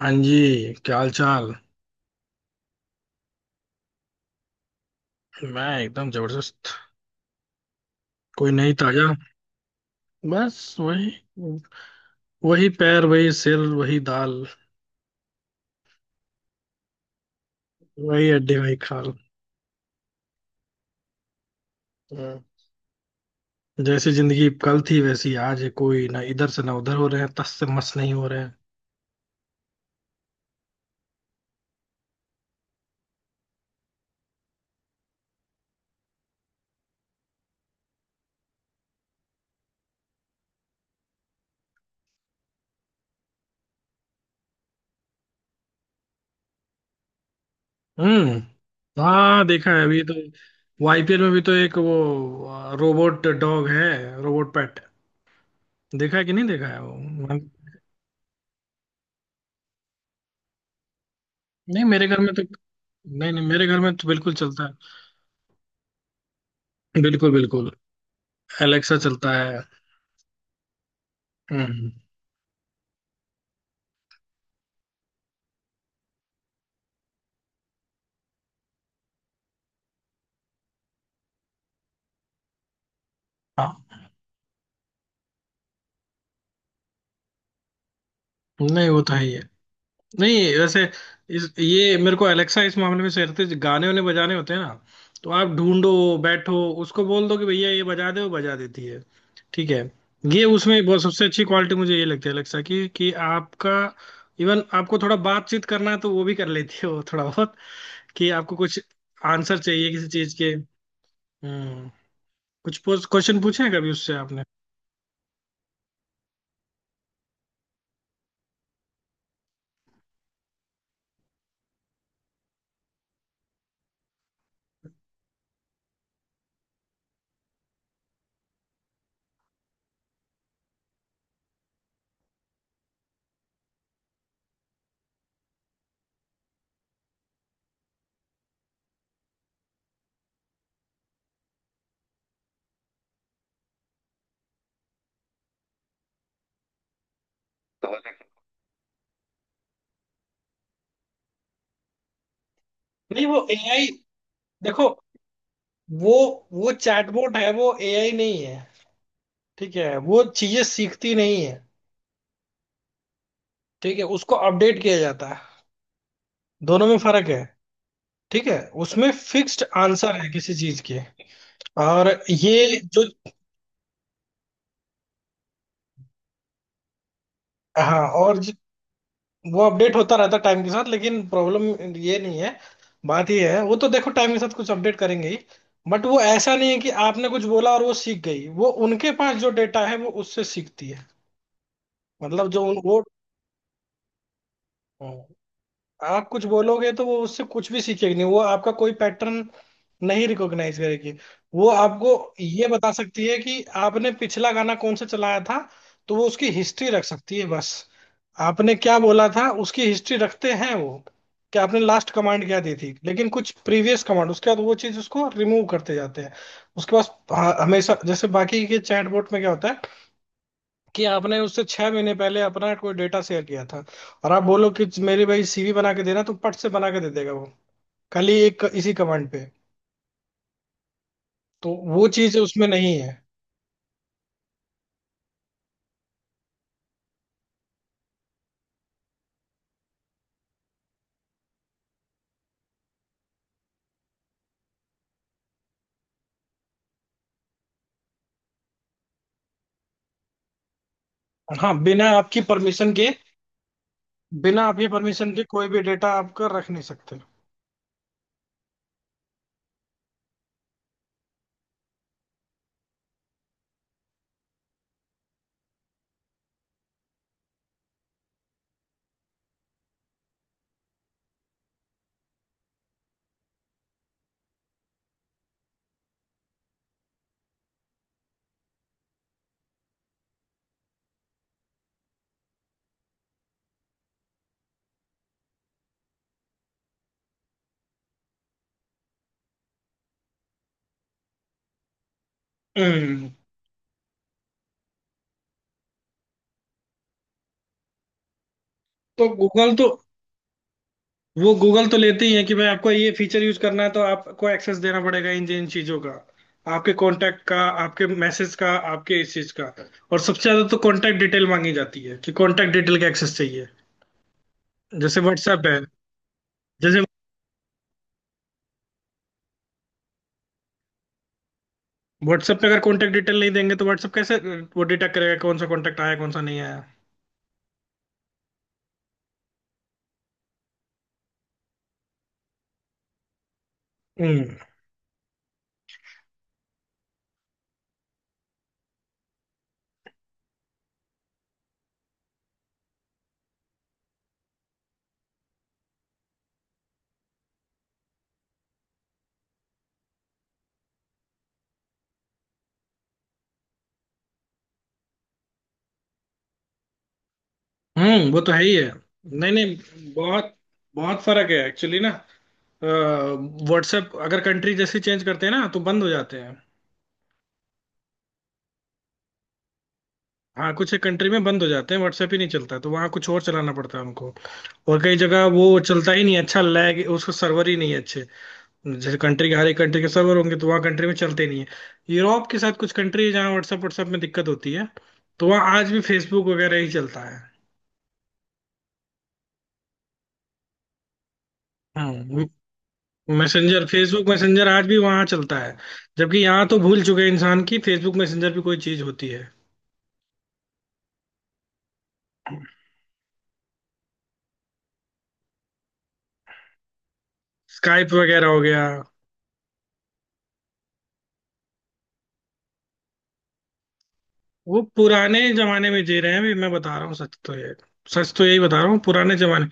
हाँ जी, क्या हाल चाल। मैं एकदम जबरदस्त। कोई नहीं, ताजा। बस वही, वही पैर वही सिर वही दाल, वही हड्डी वही खाल। हम्म। जैसी जिंदगी कल थी वैसी आज है, कोई ना इधर से ना उधर हो रहे हैं, तस से मस नहीं हो रहे हैं। हम्म। हाँ, देखा है, अभी तो आईपीएल में भी तो एक वो रोबोट डॉग है, रोबोट पेट। देखा है कि नहीं देखा है वो? नहीं, मेरे घर में तो नहीं, नहीं मेरे घर में तो बिल्कुल चलता है। बिल्कुल बिल्कुल, एलेक्सा चलता है। हम्म। हाँ, नहीं वो तो है ही है। नहीं वैसे, इस ये मेरे को एलेक्सा इस मामले में, सहते गाने उन्हें बजाने होते हैं ना, तो आप ढूंढो, बैठो, उसको बोल दो कि भैया ये बजा दे, वो बजा देती है। ठीक है, ये उसमें बहुत सबसे अच्छी क्वालिटी मुझे ये लगती है एलेक्सा की, कि आपका, इवन आपको थोड़ा बातचीत करना है तो वो भी कर लेती है, वो थोड़ा बहुत, कि आपको कुछ आंसर चाहिए किसी चीज के। हम्म। कुछ क्वेश्चन पूछे हैं कभी उससे आपने? तो नहीं, वो एआई, देखो, वो वो चैटबॉट है, वो एआई नहीं है। ठीक है, वो चीजें सीखती नहीं है। ठीक है, उसको अपडेट किया जाता है। दोनों में फर्क है। ठीक है, उसमें फिक्स्ड आंसर है किसी चीज के। और ये जो, हाँ, और जो वो अपडेट होता रहता है टाइम के साथ, लेकिन प्रॉब्लम ये नहीं है। बात ये है वो तो देखो टाइम के साथ कुछ अपडेट करेंगे ही, बट वो ऐसा नहीं है कि आपने कुछ बोला और वो सीख गई। वो उनके पास जो डेटा है वो उससे सीखती है। मतलब जो वो, हाँ। आप कुछ बोलोगे तो वो उससे कुछ भी सीखेगी नहीं, वो आपका कोई पैटर्न नहीं रिकॉग्नाइज करेगी। वो आपको ये बता सकती है कि आपने पिछला गाना कौन सा चलाया था, तो वो उसकी हिस्ट्री रख सकती है, बस। आपने क्या बोला था उसकी हिस्ट्री रखते हैं वो, कि आपने लास्ट कमांड क्या दी थी, लेकिन कुछ प्रीवियस कमांड उसके बाद वो चीज उसको रिमूव करते जाते हैं उसके पास। हाँ, हमेशा। जैसे बाकी के चैटबॉट में क्या होता है, कि आपने उससे 6 महीने पहले अपना कोई डेटा शेयर किया था, और आप बोलो कि मेरे भाई सीवी बना के देना, तो पट से बना के दे देगा वो, खाली एक इसी कमांड पे। तो वो चीज उसमें नहीं है। हाँ बिना आपकी परमिशन के, बिना आपकी परमिशन के कोई भी डेटा आपका रख नहीं सकते। हम्म। तो गूगल तो, वो गूगल तो लेते ही है कि भाई आपको ये फीचर यूज करना है तो आपको एक्सेस देना पड़ेगा इन इन चीजों का, आपके कांटेक्ट का, आपके मैसेज का, आपके इस चीज का। और सबसे ज्यादा तो कांटेक्ट डिटेल मांगी जाती है, कि कांटेक्ट डिटेल का एक्सेस चाहिए। जैसे व्हाट्सएप है, जैसे व्हाट्सएप पे अगर कॉन्टेक्ट डिटेल नहीं देंगे तो व्हाट्सएप कैसे वो डिटेक्ट करेगा कौन सा कॉन्टेक्ट आया कौन सा नहीं आया। हम्म। हम्म, वो तो है ही है। नहीं नहीं, बहुत बहुत फर्क है एक्चुअली ना। व्हाट्सएप अगर कंट्री जैसी चेंज करते हैं ना तो बंद हो जाते हैं। हाँ, कुछ एक कंट्री में बंद हो जाते हैं, व्हाट्सएप ही नहीं चलता, तो वहाँ कुछ और चलाना पड़ता है उनको। और कई जगह वो चलता ही नहीं अच्छा, लैग, उसका सर्वर ही नहीं है अच्छे। जैसे कंट्री के, हर एक कंट्री के सर्वर होंगे, तो वहाँ कंट्री में चलते नहीं है। यूरोप के साथ कुछ कंट्री है जहाँ व्हाट्सएप व्हाट्सएप में दिक्कत होती है, तो वहाँ आज भी फेसबुक वगैरह ही चलता है। हम्म। मैसेंजर, फेसबुक मैसेंजर आज भी वहाँ चलता है। जबकि यहाँ तो भूल चुके हैं इंसान की फेसबुक मैसेंजर भी कोई चीज होती है। स्काइप वगैरह हो गया। वो पुराने जमाने में जी रहे हैं, अभी मैं बता रहा हूँ, सच तो ये, सच तो यही बता रहा हूँ, पुराने जमाने।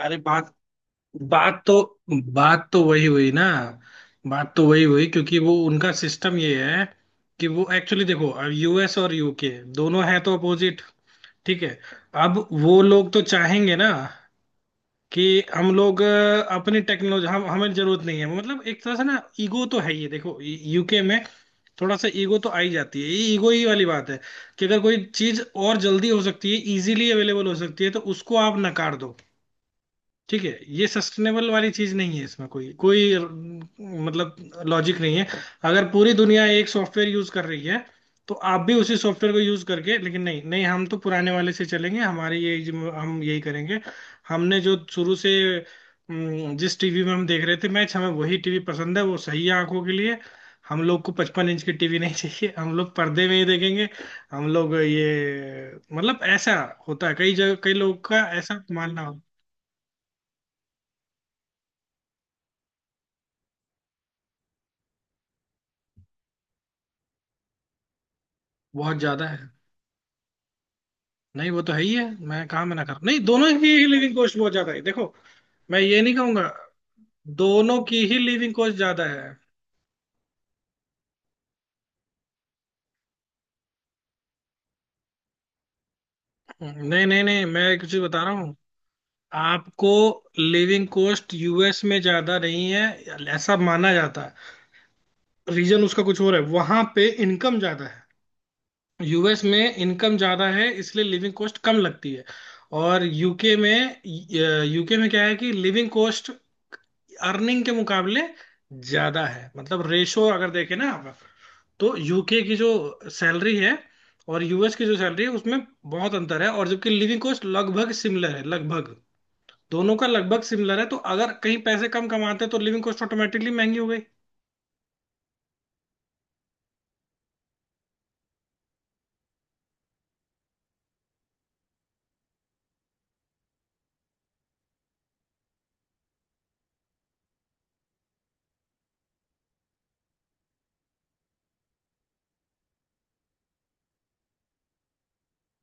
अरे बात बात तो, वही हुई ना, बात तो वही हुई, क्योंकि वो उनका सिस्टम ये है, कि वो एक्चुअली देखो, अब यूएस और यूके दोनों हैं तो अपोजिट। ठीक है। अब वो लोग तो चाहेंगे ना, कि हम लोग अपनी टेक्नोलॉजी, हम, हमें जरूरत नहीं है, मतलब एक तरह से ना ईगो तो है, ये देखो यूके में थोड़ा सा ईगो तो आई जाती है, ये ईगो ही वाली बात है, कि अगर कोई चीज और जल्दी हो सकती है, इजीली अवेलेबल हो सकती है, तो उसको आप नकार दो। ठीक है, ये सस्टेनेबल वाली चीज नहीं है, इसमें कोई कोई अम, मतलब लॉजिक नहीं है। अगर पूरी दुनिया एक सॉफ्टवेयर यूज कर रही है तो आप भी उसी सॉफ्टवेयर को यूज करके, लेकिन नहीं नहीं हम तो पुराने वाले से चलेंगे, हमारी ये हम यही करेंगे, हमने जो शुरू से जिस टीवी में हम देख रहे थे मैच, हमें वही टीवी पसंद है, वो सही है आंखों के लिए। हम लोग को 55 इंच की टीवी नहीं चाहिए, हम लोग पर्दे में ही देखेंगे। हम लोग ये मतलब, ऐसा होता है कई जगह, कई लोग का ऐसा मानना हो। बहुत ज्यादा है। नहीं वो तो है ही है, मैं कहाँ मना कर, नहीं दोनों की ही लिविंग कॉस्ट बहुत ज्यादा है देखो। मैं ये नहीं कहूंगा, दोनों की ही लिविंग कॉस्ट ज्यादा है। नहीं नहीं नहीं, मैं एक चीज बता रहा हूँ आपको, लिविंग कॉस्ट यूएस में ज्यादा नहीं है ऐसा माना जाता है, रीजन उसका कुछ और है, वहां पे इनकम ज्यादा है। यूएस में इनकम ज्यादा है इसलिए लिविंग कॉस्ट कम लगती है। और यूके में, यूके में क्या है कि लिविंग कॉस्ट अर्निंग के मुकाबले ज्यादा है, मतलब रेशो अगर देखें ना आप, तो यूके की जो सैलरी है और यूएस की जो सैलरी है उसमें बहुत अंतर है, और जबकि लिविंग कॉस्ट लगभग सिमिलर है, लगभग दोनों का लगभग सिमिलर है। तो अगर कहीं पैसे कम कमाते हैं तो लिविंग कॉस्ट ऑटोमेटिकली महंगी हो गई।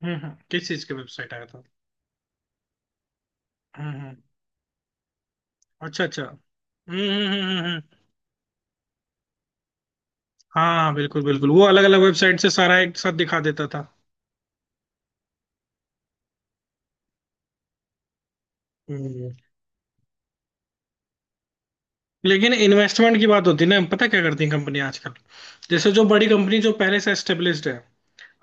हम्म, किस चीज के वेबसाइट आया था? हम्म। अच्छा अच्छा, हम्म, हाँ बिल्कुल बिल्कुल, वो अलग अलग वेबसाइट से सारा एक साथ दिखा देता था। हम्म। लेकिन इन्वेस्टमेंट की बात होती है ना, पता क्या करती है कंपनी आजकल, जैसे जो बड़ी कंपनी जो पहले से एस्टेब्लिश्ड है,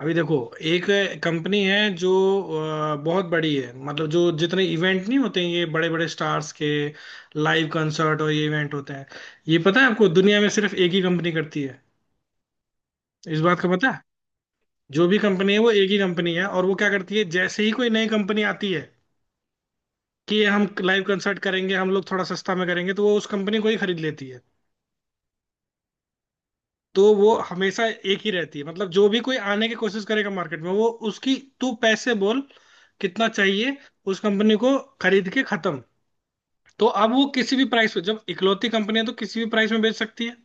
अभी देखो, एक कंपनी है जो बहुत बड़ी है, मतलब जो जितने इवेंट नहीं होते हैं ये बड़े बड़े स्टार्स के लाइव कंसर्ट और ये इवेंट होते हैं, ये पता है आपको दुनिया में सिर्फ एक ही कंपनी करती है, इस बात का पता है? जो भी कंपनी है वो एक ही कंपनी है, और वो क्या करती है जैसे ही कोई नई कंपनी आती है कि हम लाइव कंसर्ट करेंगे, हम लोग थोड़ा सस्ता में करेंगे, तो वो उस कंपनी को ही खरीद लेती है। तो वो हमेशा एक ही रहती है, मतलब जो भी कोई आने की कोशिश करेगा मार्केट में, वो उसकी, तू पैसे बोल कितना चाहिए, उस कंपनी को खरीद के खत्म। तो अब वो किसी भी प्राइस पे, जब इकलौती कंपनी है तो किसी भी प्राइस में बेच सकती है।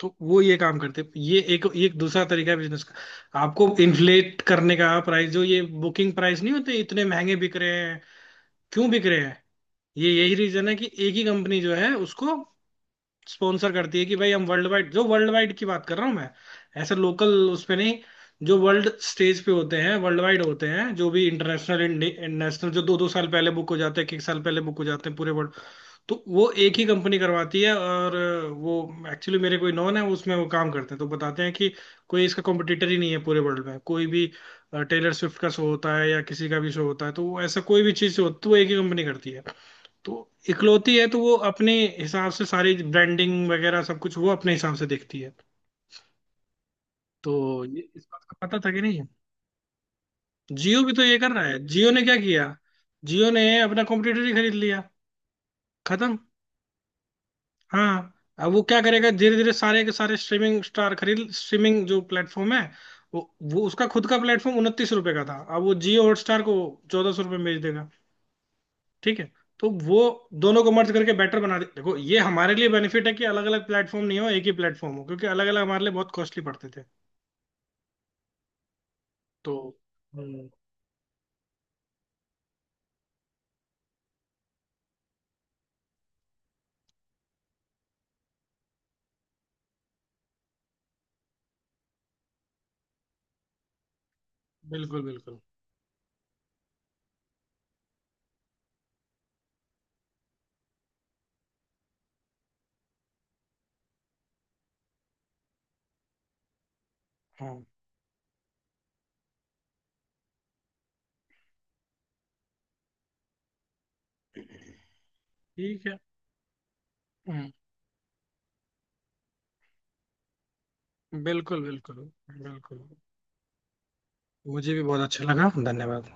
तो वो ये काम करते हैं, ये एक दूसरा तरीका है बिजनेस का, आपको इन्फ्लेट करने का प्राइस, जो ये बुकिंग प्राइस नहीं होते इतने महंगे बिक रहे हैं, क्यों बिक रहे हैं, ये यही रीजन है कि एक ही कंपनी जो है उसको स्पॉन्सर करती है कि भाई, हम वर्ल्ड वाइड, जो वर्ल्ड वाइड की बात कर रहा हूँ मैं, ऐसे लोकल उसमें नहीं, जो वर्ल्ड स्टेज पे होते हैं वर्ल्ड वाइड होते हैं, जो भी इंटरनेशनल नेशनल, जो दो दो साल पहले बुक हो जाते हैं, एक एक साल पहले बुक हो जाते हैं पूरे वर्ल्ड। तो वो एक ही कंपनी करवाती है, और वो, एक्चुअली मेरे कोई नॉन है उसमें, वो काम करते हैं तो बताते हैं कि कोई इसका कॉम्पिटिटर ही नहीं है पूरे वर्ल्ड में, कोई भी टेलर स्विफ्ट का शो होता है या किसी का भी शो होता है, तो वो ऐसा कोई भी चीज़ होती है वो एक ही कंपनी करती है। तो इकलौती है, तो वो अपने हिसाब से सारी ब्रांडिंग वगैरह सब कुछ वो अपने हिसाब से देखती है। तो ये इस बात का पता था कि नहीं? जियो भी तो ये कर रहा है, जियो ने क्या किया, जियो ने अपना कॉम्पिटिटर ही खरीद लिया, खत्म। हाँ। अब वो क्या करेगा, धीरे धीरे सारे के सारे स्ट्रीमिंग स्टार खरीद, स्ट्रीमिंग जो प्लेटफॉर्म है वो वो उसका खुद का प्लेटफॉर्म 29 रुपए का था, अब वो जियो हॉटस्टार को 1,400 रुपये बेच देगा। ठीक है, तो वो दोनों को मर्ज करके बेटर बना दे। देखो ये हमारे लिए बेनिफिट है कि अलग अलग प्लेटफॉर्म नहीं हो, एक ही प्लेटफॉर्म हो, क्योंकि अलग अलग हमारे लिए बहुत कॉस्टली पड़ते थे। तो, हम्म, बिल्कुल बिल्कुल। हाँ। ठीक है। हम्म, बिल्कुल बिल्कुल। बिल्कुल। मुझे भी बहुत अच्छा लगा, धन्यवाद।